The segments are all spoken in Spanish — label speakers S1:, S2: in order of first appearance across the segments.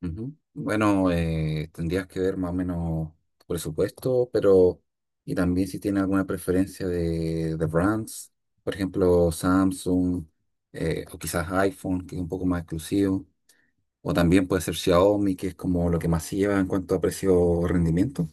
S1: Ujú. Bueno, tendrías que ver más o menos tu presupuesto, pero y también si tiene alguna preferencia de brands, por ejemplo, Samsung o quizás iPhone, que es un poco más exclusivo. O también puede ser Xiaomi, que es como lo que más se lleva en cuanto a precio-rendimiento.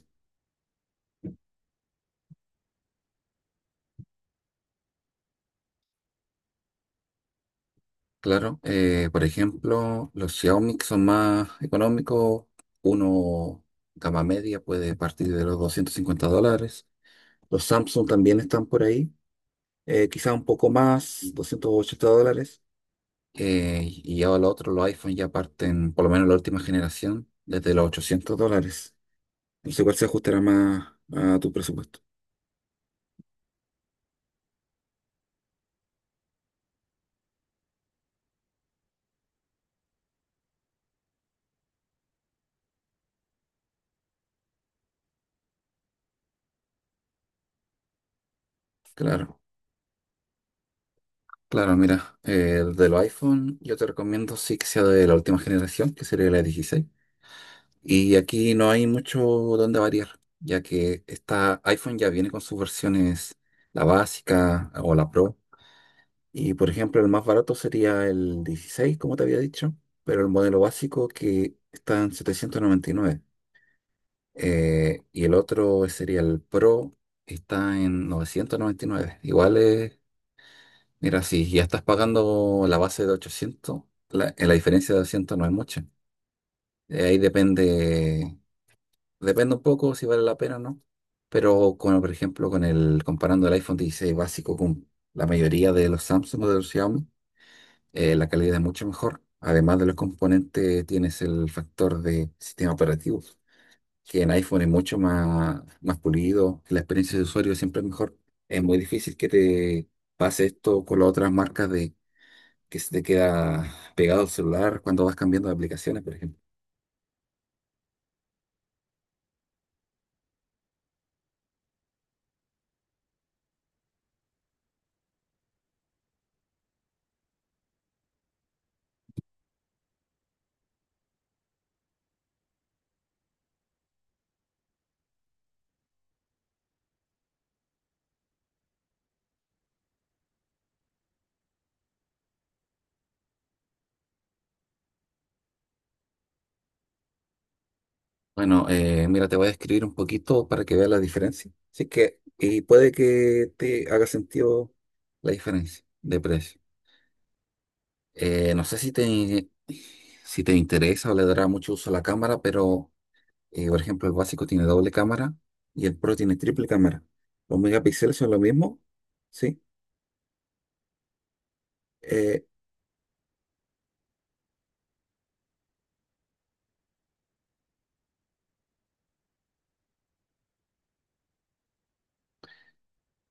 S1: Claro, por ejemplo, los Xiaomi que son más económicos. Uno gama media puede partir de los $250. Los Samsung también están por ahí, quizá un poco más, $280. Y ya lo otro, los iPhone ya parten, por lo menos la última generación, desde los $800. No sé cuál se ajustará más a tu presupuesto. Claro. Claro, mira, de los iPhone yo te recomiendo sí que sea de la última generación, que sería la 16. Y aquí no hay mucho donde variar, ya que esta iPhone ya viene con sus versiones, la básica o la Pro. Y por ejemplo, el más barato sería el 16, como te había dicho, pero el modelo básico que está en 799. Y el otro sería el Pro, está en 999. Igual es Mira, si ya estás pagando la base de 800, la diferencia de 200 no es mucha. Ahí depende, un poco si vale la pena o no. Pero como por ejemplo, comparando el iPhone 16 básico con la mayoría de los Samsung o de los Xiaomi, la calidad es mucho mejor. Además de los componentes, tienes el factor de sistema operativo, que en iPhone es mucho más pulido, la experiencia de usuario siempre es mejor. Es muy difícil que te pase esto con las otras marcas, de que se te queda pegado el celular cuando vas cambiando de aplicaciones, por ejemplo. Bueno, mira, te voy a escribir un poquito para que veas la diferencia. Así que, y puede que te haga sentido la diferencia de precio. No sé si te interesa o le dará mucho uso a la cámara, pero, por ejemplo, el básico tiene doble cámara y el Pro tiene triple cámara. Los megapíxeles son lo mismo, ¿sí? Eh,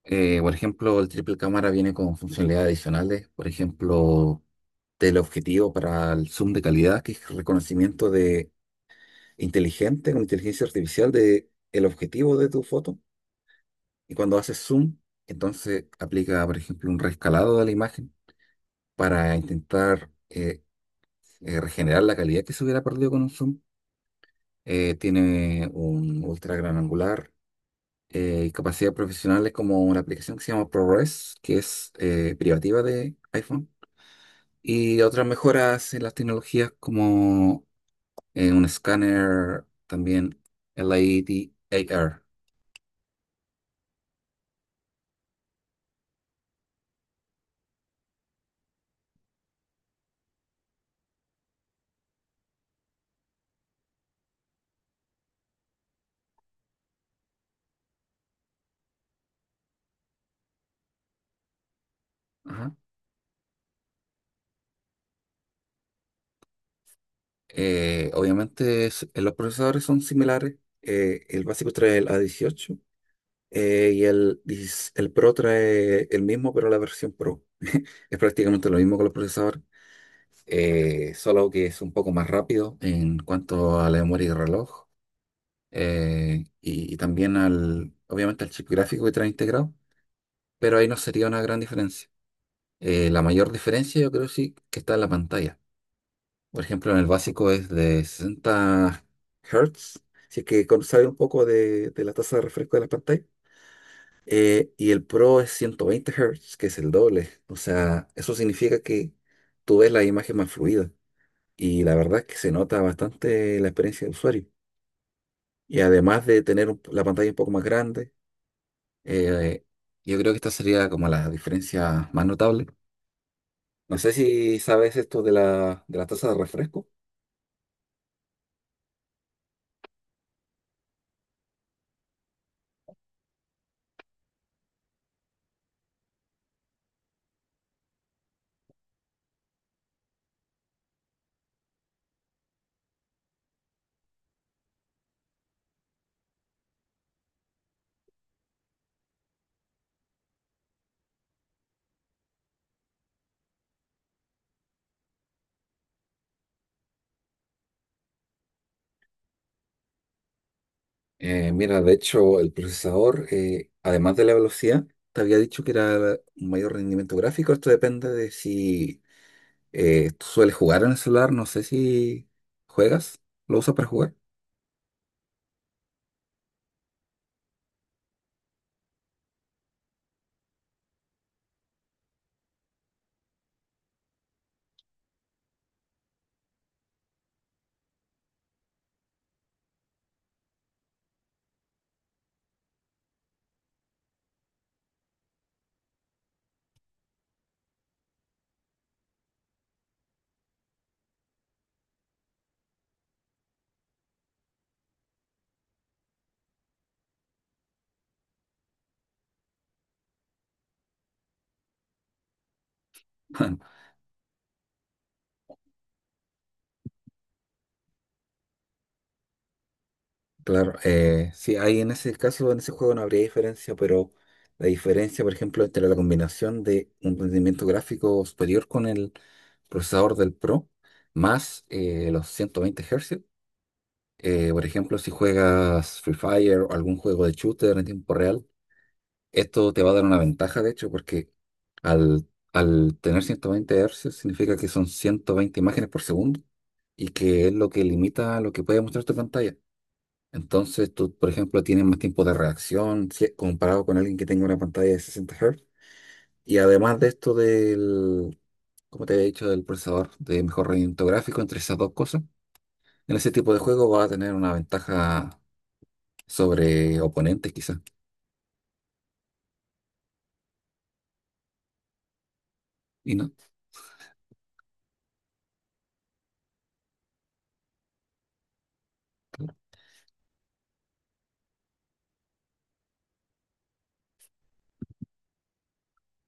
S1: Por ejemplo, el triple cámara viene con funcionalidades adicionales, por ejemplo, teleobjetivo para el zoom de calidad, que es reconocimiento de inteligente, con inteligencia artificial de el objetivo de tu foto. Y cuando haces zoom, entonces aplica, por ejemplo, un reescalado de la imagen para intentar regenerar la calidad que se hubiera perdido con un zoom. Tiene un ultra gran angular, y capacidades profesionales como una aplicación que se llama ProRes, que es privativa de iPhone. Y otras mejoras en las tecnologías como un escáner también LADAR. Ajá. Obviamente los procesadores son similares, el básico trae el A18, y el, 16 el Pro trae el mismo, pero la versión Pro. Es prácticamente lo mismo con los procesadores, solo que es un poco más rápido en cuanto a la memoria y reloj. Y también, obviamente al chip gráfico que trae integrado. Pero ahí no sería una gran diferencia. La mayor diferencia yo creo sí que está en la pantalla. Por ejemplo, en el básico es de 60 Hz, si es que sabe un poco de la tasa de refresco de la pantalla. Y el Pro es 120 Hz, que es el doble. O sea, eso significa que tú ves la imagen más fluida. Y la verdad es que se nota bastante la experiencia del usuario. Y además de tener la pantalla un poco más grande, eh, yo creo que esta sería como la diferencia más notable. No sé si sabes esto de la tasa de refresco. Mira, de hecho, el procesador, además de la velocidad, te había dicho que era un mayor rendimiento gráfico. Esto depende de si tú sueles jugar en el celular. No sé si juegas, lo usas para jugar. Claro, sí, ahí en ese caso, en ese juego no habría diferencia, pero la diferencia, por ejemplo, entre la combinación de un rendimiento gráfico superior con el procesador del Pro más los 120 Hz. Por ejemplo, si juegas Free Fire o algún juego de shooter en tiempo real, esto te va a dar una ventaja, de hecho, porque al, al tener 120 Hz significa que son 120 imágenes por segundo y que es lo que limita lo que puede mostrar tu pantalla. Entonces, tú, por ejemplo, tienes más tiempo de reacción, comparado con alguien que tenga una pantalla de 60 Hz. Y además de esto del, como te había dicho, del procesador de mejor rendimiento gráfico, entre esas dos cosas, en ese tipo de juego va a tener una ventaja sobre oponentes quizás. Y no,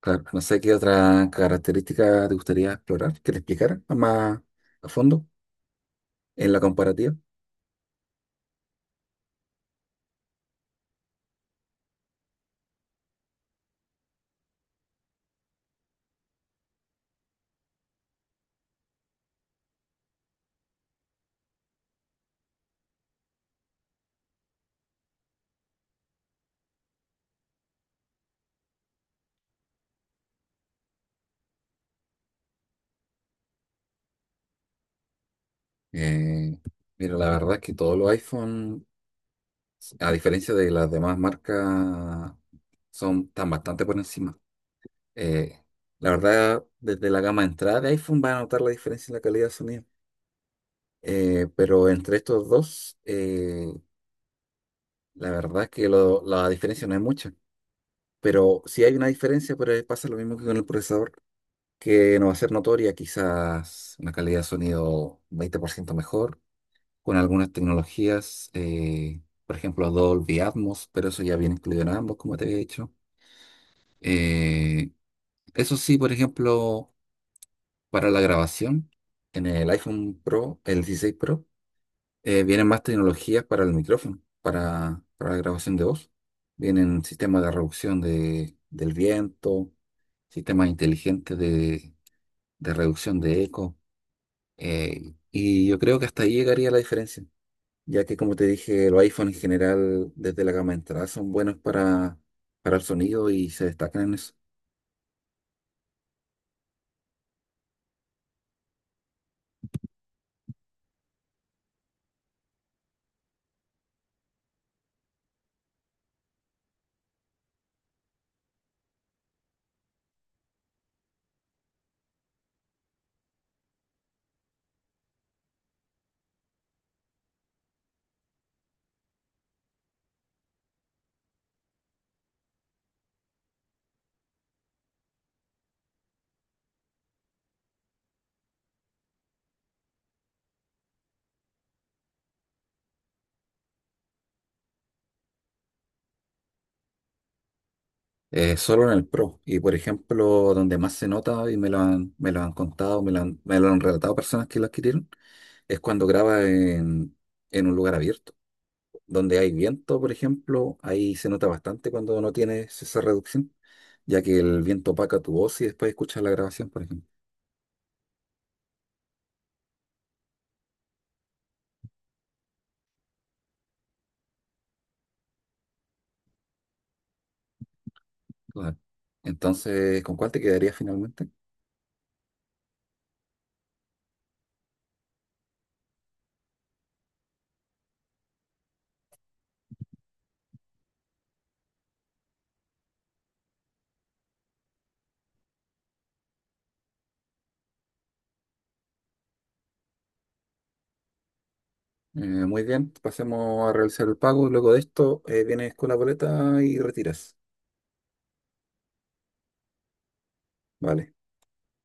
S1: claro, no sé qué otra característica te gustaría explorar, que te explicara más a fondo en la comparativa. Eh, Mira, la verdad es que todos los iPhone, a diferencia de las demás marcas, son tan bastante por encima. Eh, la verdad, desde la gama de entrada de iPhone va a notar la diferencia en la calidad de sonido. Pero entre estos dos, la verdad es que la diferencia no es mucha. Pero sí hay una diferencia, pero pasa lo mismo que con el procesador, que no va a ser notoria, quizás una calidad de sonido 20% mejor, con algunas tecnologías, por ejemplo Dolby Atmos, pero eso ya viene incluido en ambos, como te he dicho. Eh, Eso sí, por ejemplo, para la grabación, en el iPhone Pro, el 16 Pro, vienen más tecnologías para el micrófono, para la grabación de voz. Vienen sistemas de reducción del viento, sistemas inteligentes de reducción de eco. Y yo creo que hasta ahí llegaría la diferencia, ya que como te dije, los iPhones en general desde la gama de entrada son buenos para el sonido y se destacan en eso. Solo en el Pro. Y por ejemplo, donde más se nota, y me lo han contado, me lo han relatado personas que lo adquirieron, es cuando graba en un lugar abierto, donde hay viento, por ejemplo, ahí se nota bastante cuando no tienes esa reducción, ya que el viento opaca tu voz y después escuchas la grabación, por ejemplo. Claro. Entonces, ¿con cuál te quedarías finalmente? Eh, Muy bien, pasemos a realizar el pago. Luego de esto, vienes con la boleta y retiras. Vale.